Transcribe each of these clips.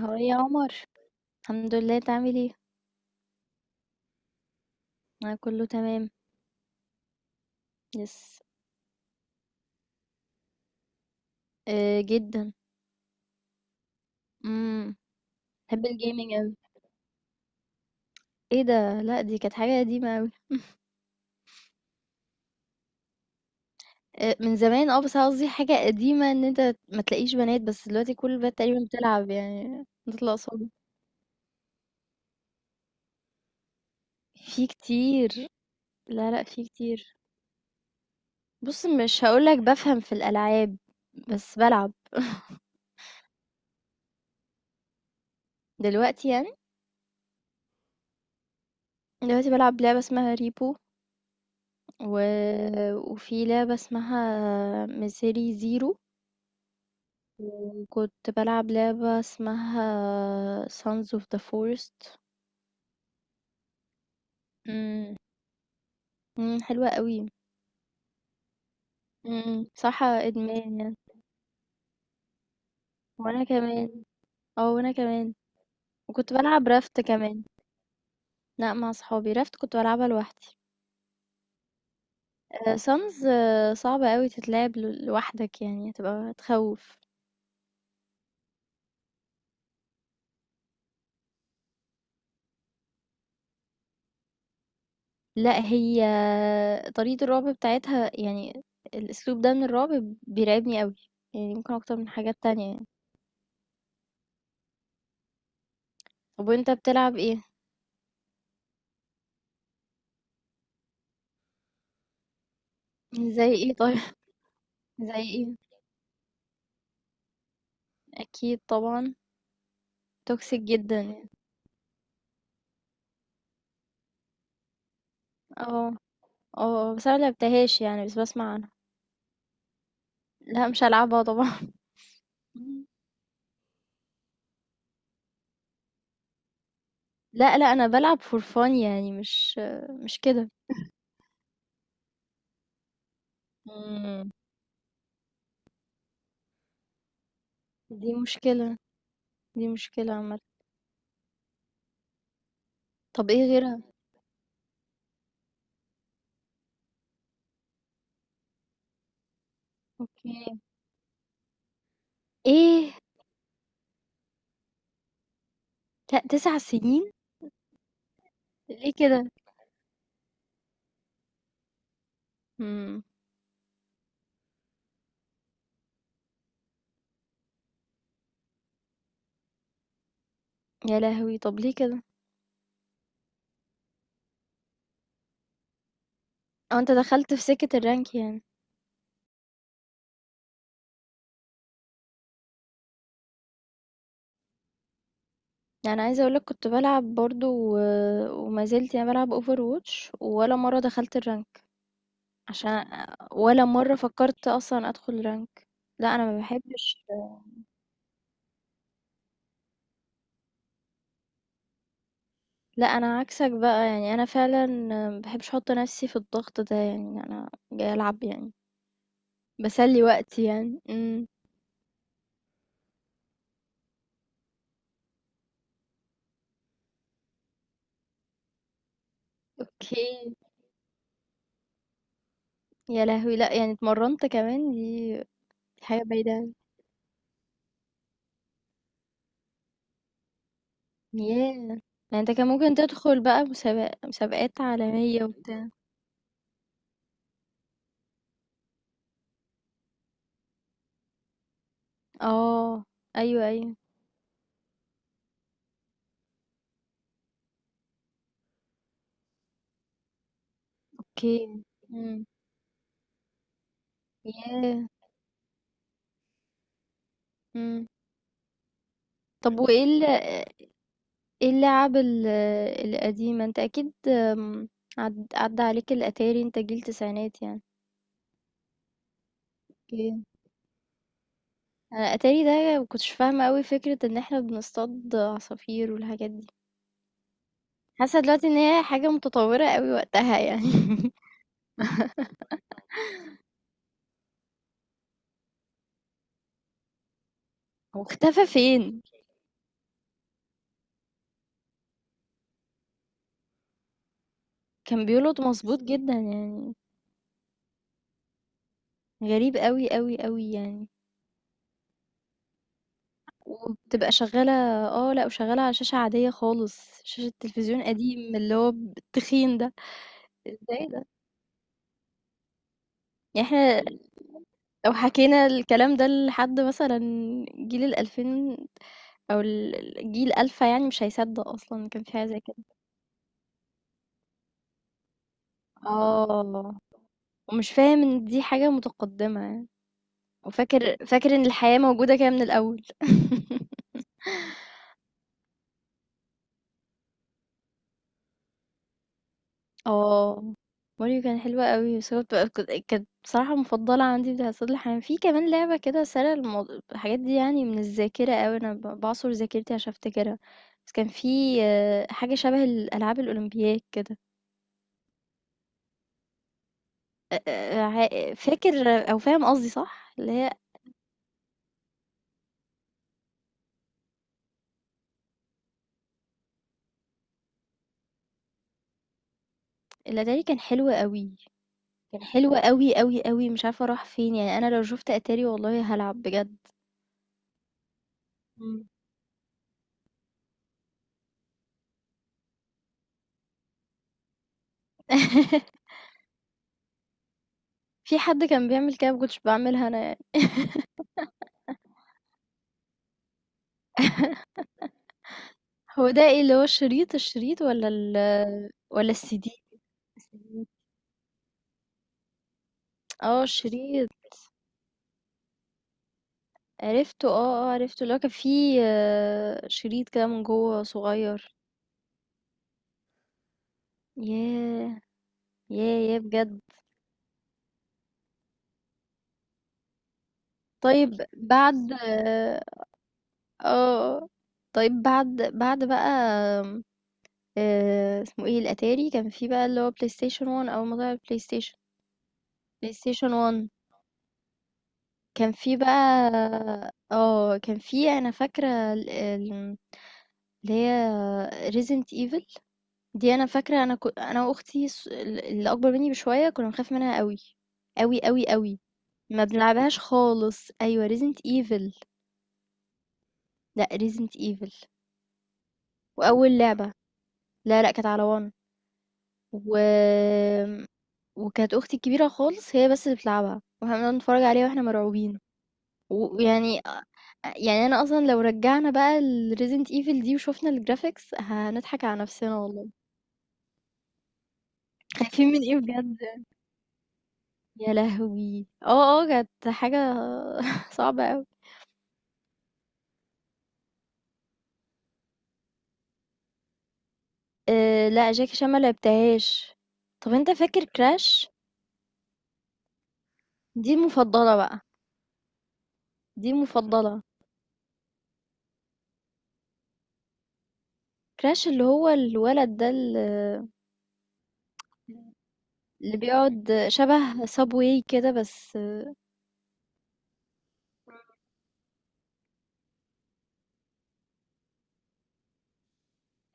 هو إيه يا عمر؟ الحمد لله، انت عامل ايه؟ انا كله تمام. يس. آه، جدا. امم. بحب الجيمنج اوي. ايه ده؟ لا، دي كانت حاجه قديمه اوي. آه، من زمان. اه بس قصدي حاجه قديمه ان انت ما تلاقيش بنات، بس دلوقتي كل البنات تقريبا بتلعب، يعني نطلع صبح. في كتير. لا لا، في كتير. بص، مش هقولك بفهم في الالعاب، بس بلعب. دلوقتي يعني، دلوقتي بلعب لعبة اسمها ريبو و... وفي لعبة اسمها ميسيري زيرو، وكنت بلعب لعبة اسمها Sons of the Forest. امم. مم، حلوة قوي. مم، صراحة ادمان يعني. وانا كمان. اه، وانا كمان. وكنت بلعب رافت كمان. لا، مع صحابي. رافت كنت بلعبها لوحدي. آه، سانز، صعبة قوي تتلعب لوحدك، يعني هتبقى تخوف. لا، هي طريقة الرعب بتاعتها، يعني الاسلوب ده من الرعب بيرعبني قوي، يعني ممكن اكتر من حاجات تانية يعني. طب وانت بتلعب ايه؟ زي ايه طيب؟ زي إيه؟ أكيد طبعًا. toxic جدًا يعني. آه، آه، بس أنا ما لعبتهاش يعني، بس باسمع عنها. لأ، مش هالعبها طبعًا. إمم. لأ، لأ، أنا بالعب for fun يعني، مش كده. إمم. دي مشكلة. دي مشكلة عامةً. طب إيه غيرها؟ أوكي. إيه! لأ، 9 سنين! ليه كده؟ إمم. يا لهوي! طب ليه كده؟ آه، أنت دخلت في سكة الرانك يعني. يعني عايزة أقول لك كنت بالعب برضه، و وما زلت يعني بالعب overwatch، ولا مرة دخلت الرانك. عشان ولا مرة فكرت أصلا أدخل رانك. لا، أنا ما بحبش. لا، أنا عكسك بقى، يعني أنا فعلا ما بحبش أحط نفسي في الضغط ده، يعني أنا جاي ألعب يعني بسلي وقتي يعني. اوكي. يا لهوي، لا يعني اتمرنت كمان! دي حاجة بعيدة أوي. ياه يعني، انت كان ممكن تدخل بقى مسابقات عالمية وبتاع. اه، ايوه ايوه. اوكي. امم. ياه. امم. طب وايه؟ إيه اللعب القديمة؟ أنت أكيد، عدّى عليك الأتاري، أنت جيل تسعينات يعني. أوكي. أنا الأتاري ده ما كنتش فاهمة أوي فكرة إن إحنا بنصطاد عصافير والحاجات دي. حاسة دلوقتي إن هي حاجة متطورة أوي وقتها يعني. هو اختفى فين؟ كان بيولد مضبوط جدًا يعني. غريب أوي، أوي، أوي يعني. وبتبقى شغّالة. آه، لأ، وشغّالة على شاشة عادية خالص، شاشة تلفزيون قديم اللي هو ب التخين ده. إزاي ده؟ يعني إحنا لو حكينا الكلام ده لحد مثلًا جيل ال2000، أو الجيل ألفة، يعني مش هيصدّق أصلًا إن كان في حاجة زي كده. آه. ومش فاهم إن دي حاجة متقدّمة يعني. فاكر إن الحياة موجودة كده من الأول. آه، ماريو كان حلو أوي، بس هو بتبقى، كانت بصراحة مفضلة عندي بتاعة صيد الحيوان. في كمان لعبة كده سارية المو. الحاجات دي يعني من الذاكرة أوي، أنا باعصر ذاكرتي عشان أفتكرها. بس كان في، آه، حاجة شبه الألعاب الأولمبياد كده. أ أ ع فاكر؟ أو فاهم قصدي، صح؟ اللي هي الأتاري، كان حلو أوي. كان حلو أوي، أوي، أوي، مش عارفة راح فين، يعني أنا لو شُفت أتاري والله هالعب بجد. إمم. في حد كان بيعمل كده، ما كنتش باعملها أنا يعني. هو ده إيه اللي هو الشريط، والّا والّا الCD؟ الCD. آه، الشريط. عرفته، آه، عرفته، اللي هو كان فيه، آه، شريط كده من جوّه صغيّر. ياه! ياه، ياه، بجد. طيب بعد. اه، طيب بعد بقى، آه، اسمه ايه الاتاري، كان في بقى اللي هو بلاي ستيشن 1 اول ما طلع البلاي ستيشن. بلاي ستيشن 1. كان في بقى، اه كان في، انا فاكره اللي هي ريزنت ايفل. دي انا فاكره، انا كنت واختي، اللي اكبر مني بشويه، كنا بنخاف منها قوي، قوي قوي قوي. ما بنلعبهاش خالص، ايوه ريزنت ايفل. لا، ريزنت ايفل. واول لعبه، لا لا، كانت على 1. و... وكانت اختي الكبيره خالص هي بس اللي بتلعبها، واحنا بنقعد نتفرج عليها واحنا مرعوبين. ويعني يعني انا اصلا لو رجعنا بقى الريزنت ايفل دي وشوفنا الجرافيكس، هنضحك على نفسنا والله. خايفين من ايه بجد؟ يا لهوي، كانت حاجه صعبه قوي. أه، لا، جاكي شان ما لعبتهاش. طب انت فاكر كراش؟ دي المفضله بقى. دي المفضله. كراش، اللي هو الولد ده، اللي بيقعد شبه سابواي كده، بس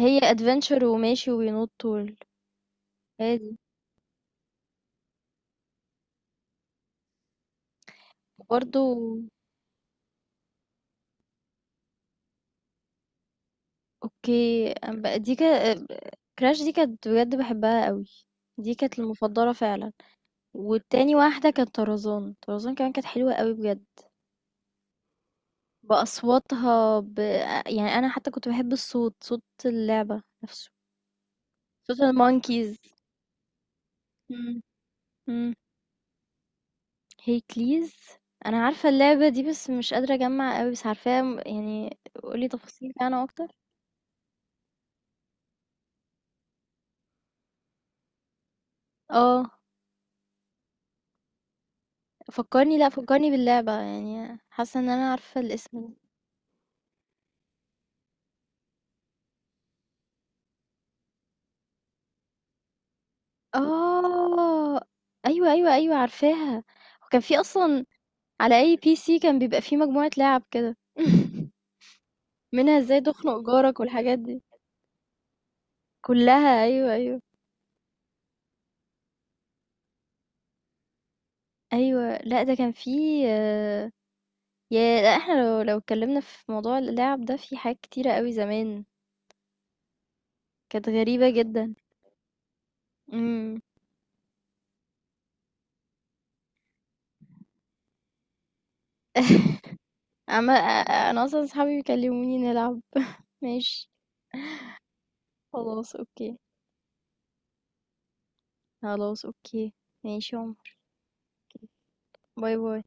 هي ادفنتشر وماشي وبينط طول. هي دي. برضه. اوكي. دي كده. كراش دي كانت بجد بحبها قوي. دي كانت المفضلة فعلا. والتاني واحدة كانت طرزان، طرزان كمان كانت حلوة قوي بجد، بأصواتها ب... يعني أنا حتى كنت بحب الصوت، اللعبة نفسه. صوت المونكيز. مم. مم. هي كليز. انا عارفه اللعبه دي، بس مش قادره اجمع قوي، بس عارفاها. يعني قولي تفاصيل عنها اكتر. اه، فكرني لا فكرني باللعبه، يعني حاسه ان انا عارفه الاسم. اه، ايوه ايوه ايوه، عارفاها. وكان في اصلا على PC كان بيبقى في مجموعه لعب كده. منها ازاي تخنق جارك والحاجات دي كلها. ايوه، ايوه ايوه. لا، ده كان في، آه. لا احنا لو اتكلمنا في موضوع اللعب ده، في حاجات كتيره قوي زمان. كانت غريبة جدًا. إمم. عم، أنا أصلًا صحابي بيكلموني نلعب. ماشي. خلاص أوكي. خلاص أوكي. ماشي يا عمر. باي، باي.